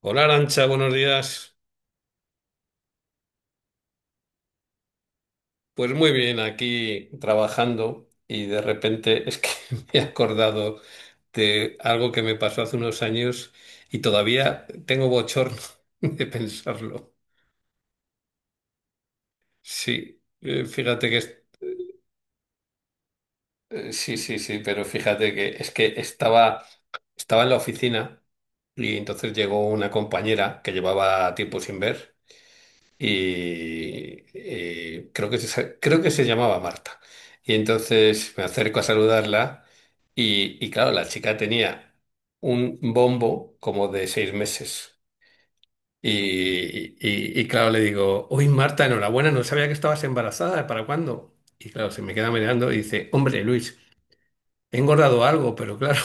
Hola Arancha, buenos días. Pues muy bien, aquí trabajando y de repente es que me he acordado de algo que me pasó hace unos años y todavía tengo bochorno de pensarlo. Sí, fíjate que sí, sí, sí, pero fíjate que es que estaba en la oficina y entonces llegó una compañera que llevaba tiempo sin ver. Y creo que se llamaba Marta. Y entonces me acerco a saludarla y claro, la chica tenía un bombo como de 6 meses. Y, y claro, le digo, uy Marta, enhorabuena, no sabía que estabas embarazada, ¿para cuándo? Y claro, se me queda mirando y dice, hombre Luis, he engordado algo, pero claro,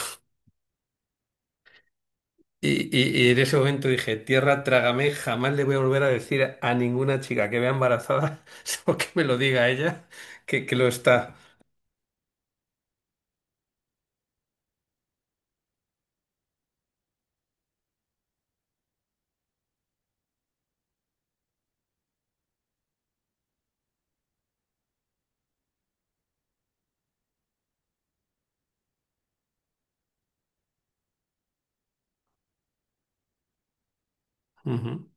y, y en ese momento dije, tierra, trágame, jamás le voy a volver a decir a ninguna chica que vea embarazada, o que me lo diga a ella, que lo está. Ujú.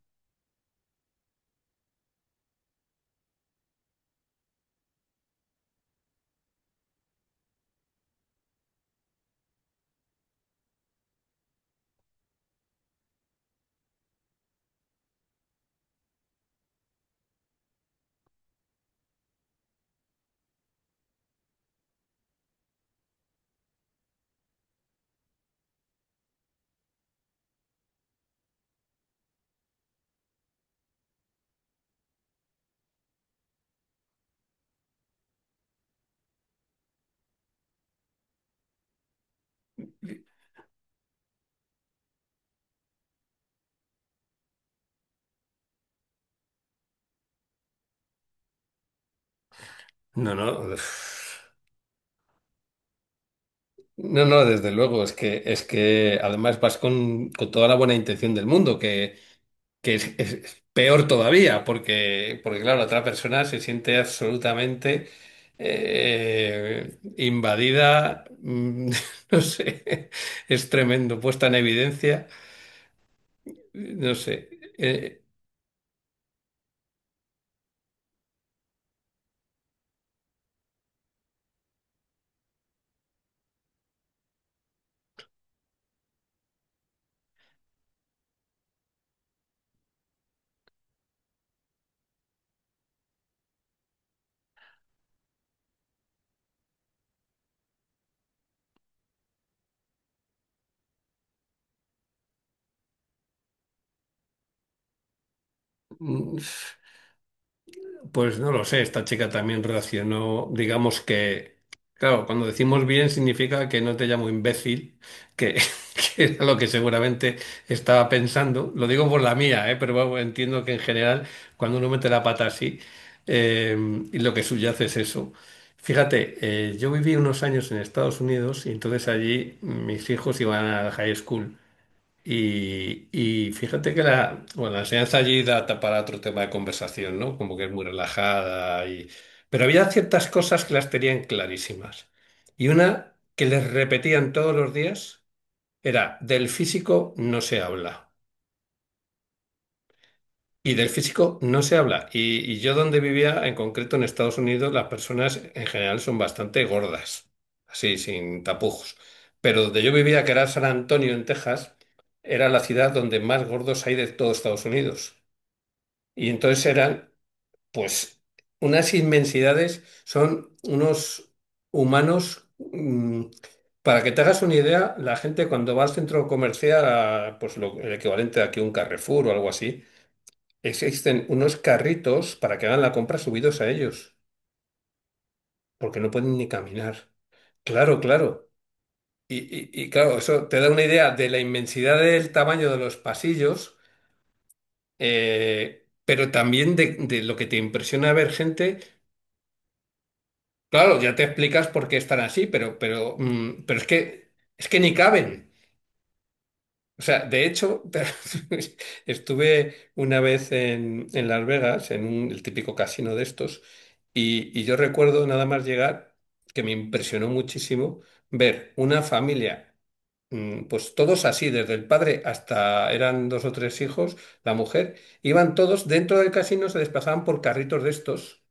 No, no. uf. No, no, desde luego, es que además vas con toda la buena intención del mundo, que es, es peor todavía, porque, porque claro, la otra persona se siente absolutamente invadida, no sé, es tremendo, puesta en evidencia. No sé, eh, mm, pues no lo sé, esta chica también reaccionó, digamos que, claro, cuando decimos bien significa que no te llamo imbécil, que, que era lo que seguramente estaba pensando, lo digo por la mía, pero bueno, entiendo que en general cuando uno mete la pata así, eh, y lo que subyace es eso. Fíjate, yo viví unos años en Estados Unidos y entonces allí mis hijos iban a la high school. Y fíjate que la, bueno, la enseñanza allí da para otro tema de conversación, ¿no? Como que es muy relajada y... Pero había ciertas cosas que las tenían clarísimas. Y una que les repetían todos los días era, del físico no se habla. Y del físico no se habla. Y yo donde vivía, en concreto en Estados Unidos, las personas en general son bastante gordas, así, sin tapujos. Pero donde yo vivía, que era San Antonio, en Texas, era la ciudad donde más gordos hay de todo Estados Unidos. Y entonces eran, pues, unas inmensidades, son unos humanos... para que te hagas una idea, la gente cuando va al centro comercial, a, pues el equivalente a que un Carrefour o algo así, existen unos carritos para que hagan la compra subidos a ellos, porque no pueden ni caminar. Claro, claro. Y, y claro, eso te da una idea de la inmensidad del tamaño de los pasillos, pero también de lo que te impresiona ver gente. Claro, ya te explicas por qué están así, pero, pero es que ni caben. O sea, de hecho, estuve una vez en Las Vegas, en el típico casino de estos, y yo recuerdo nada más llegar, que me impresionó muchísimo, ver una familia, pues todos así, desde el padre hasta eran dos o tres hijos, la mujer, iban todos dentro del casino, se desplazaban por carritos de estos.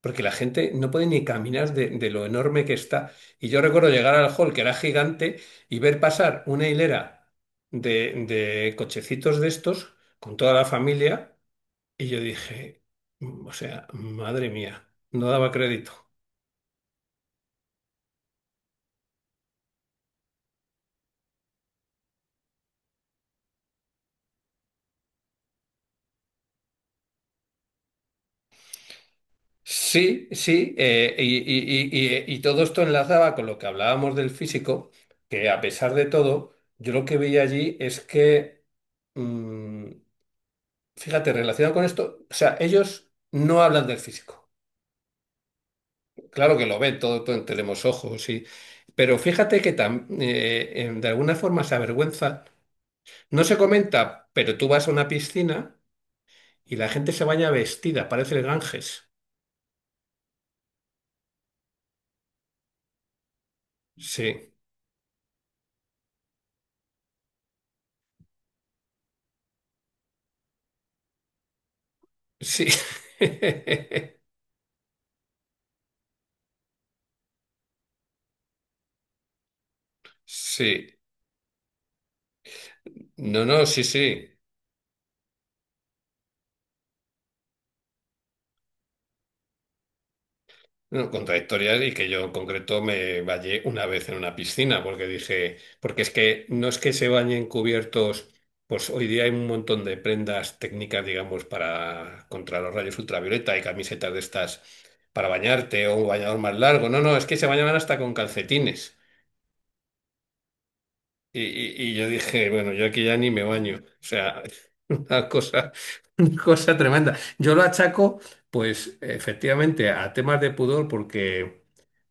Porque la gente no puede ni caminar de lo enorme que está. Y yo recuerdo llegar al hall, que era gigante, y ver pasar una hilera de cochecitos de estos con toda la familia. Y yo dije, "Mm, o sea, madre mía, no daba crédito. Sí, sí, y, y todo esto enlazaba con lo que hablábamos del físico, que a pesar de todo, yo lo que veía allí es que mm, fíjate, relacionado con esto, o sea, ellos no hablan del físico. Claro que lo ven, todo, todo tenemos ojos y... Pero fíjate que de alguna forma se avergüenza. No se comenta, pero tú vas a una piscina y la gente se baña vestida, parece el Ganges. Sí, sí. Sí. No, no, sí, sí. No, contradictorias y que yo en concreto me bañé una vez en una piscina porque dije, porque es que no es que se bañen cubiertos, pues hoy día hay un montón de prendas técnicas, digamos, para contra los rayos ultravioleta y camisetas de estas para bañarte o un bañador más largo. No, no, es que se bañaban hasta con calcetines. Y, y yo dije, bueno, yo aquí ya ni me baño. O sea, una cosa, una cosa tremenda. Yo lo achaco, pues efectivamente, a temas de pudor porque...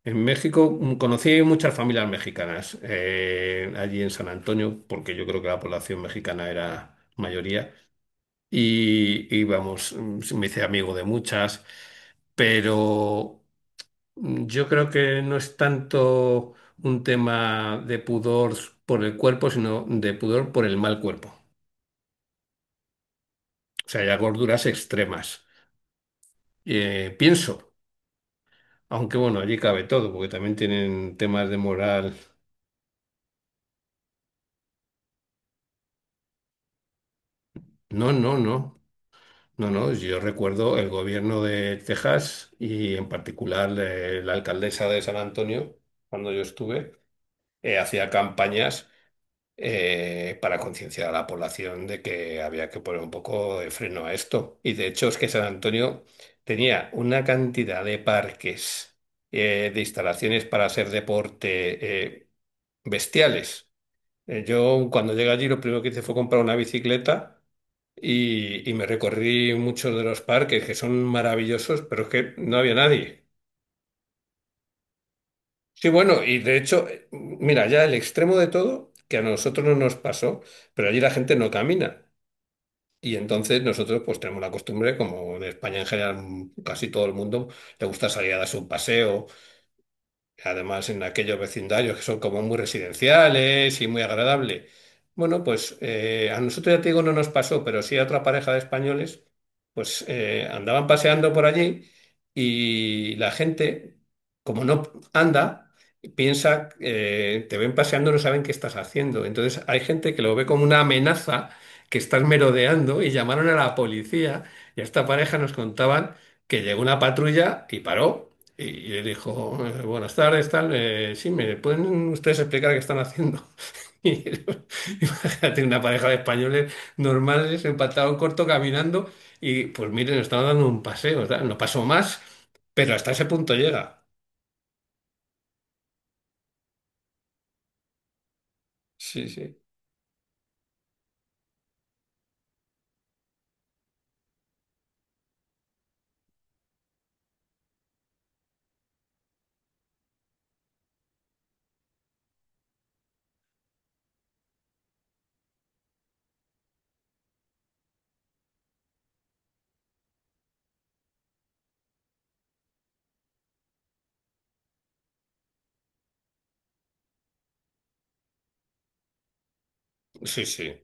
En México conocí muchas familias mexicanas allí en San Antonio, porque yo creo que la población mexicana era mayoría. Y vamos, me hice amigo de muchas, pero yo creo que no es tanto un tema de pudor por el cuerpo, sino de pudor por el mal cuerpo. O sea, ya gorduras extremas. Pienso, aunque bueno, allí cabe todo, porque también tienen temas de moral. No, no, no. No, no, yo recuerdo el gobierno de Texas y en particular la alcaldesa de San Antonio, cuando yo estuve, hacía campañas para concienciar a la población de que había que poner un poco de freno a esto. Y de hecho es que San Antonio tenía una cantidad de parques, de instalaciones para hacer deporte bestiales. Yo cuando llegué allí lo primero que hice fue comprar una bicicleta y me recorrí muchos de los parques que son maravillosos, pero es que no había nadie. Sí, bueno, y de hecho, mira, ya el extremo de todo, que a nosotros no nos pasó, pero allí la gente no camina. Y entonces nosotros pues tenemos la costumbre, como en España en general casi todo el mundo le gusta salir a darse un paseo. Además, en aquellos vecindarios que son como muy residenciales y muy agradable. Bueno, pues a nosotros ya te digo, no nos pasó, pero sí a otra pareja de españoles, pues andaban paseando por allí y la gente, como no anda, piensa, te ven paseando, no saben qué estás haciendo. Entonces hay gente que lo ve como una amenaza que estás merodeando y llamaron a la policía y a esta pareja nos contaban que llegó una patrulla y paró. Y le dijo, buenas tardes, tal, sí, ¿me pueden ustedes explicar qué están haciendo? Y imagínate una pareja de españoles normales, en pantalón corto, caminando, y pues miren, están dando un paseo, tal. No pasó más, pero hasta ese punto llega. Sí, sí, sí, sí.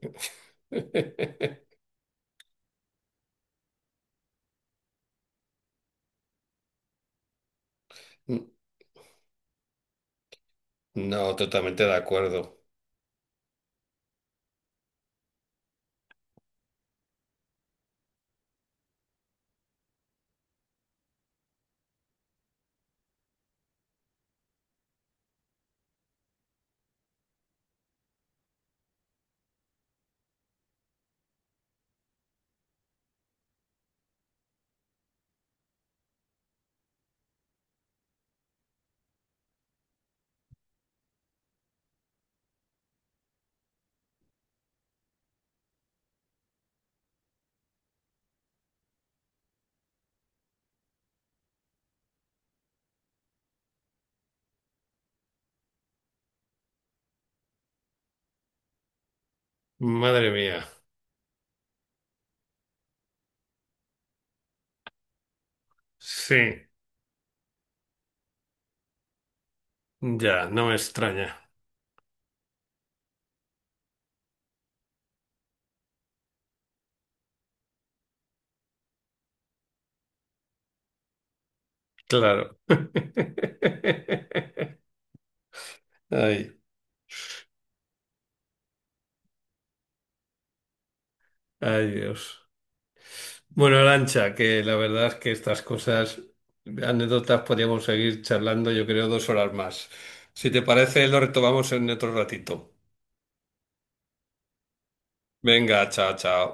No, totalmente de acuerdo. Madre mía. Sí, ya, no me extraña. Claro. Ay, ay, Dios. Bueno, Arancha, que la verdad es que estas cosas, anécdotas, podríamos seguir charlando, yo creo, 2 horas más. Si te parece, lo retomamos en otro ratito. Venga, chao, chao.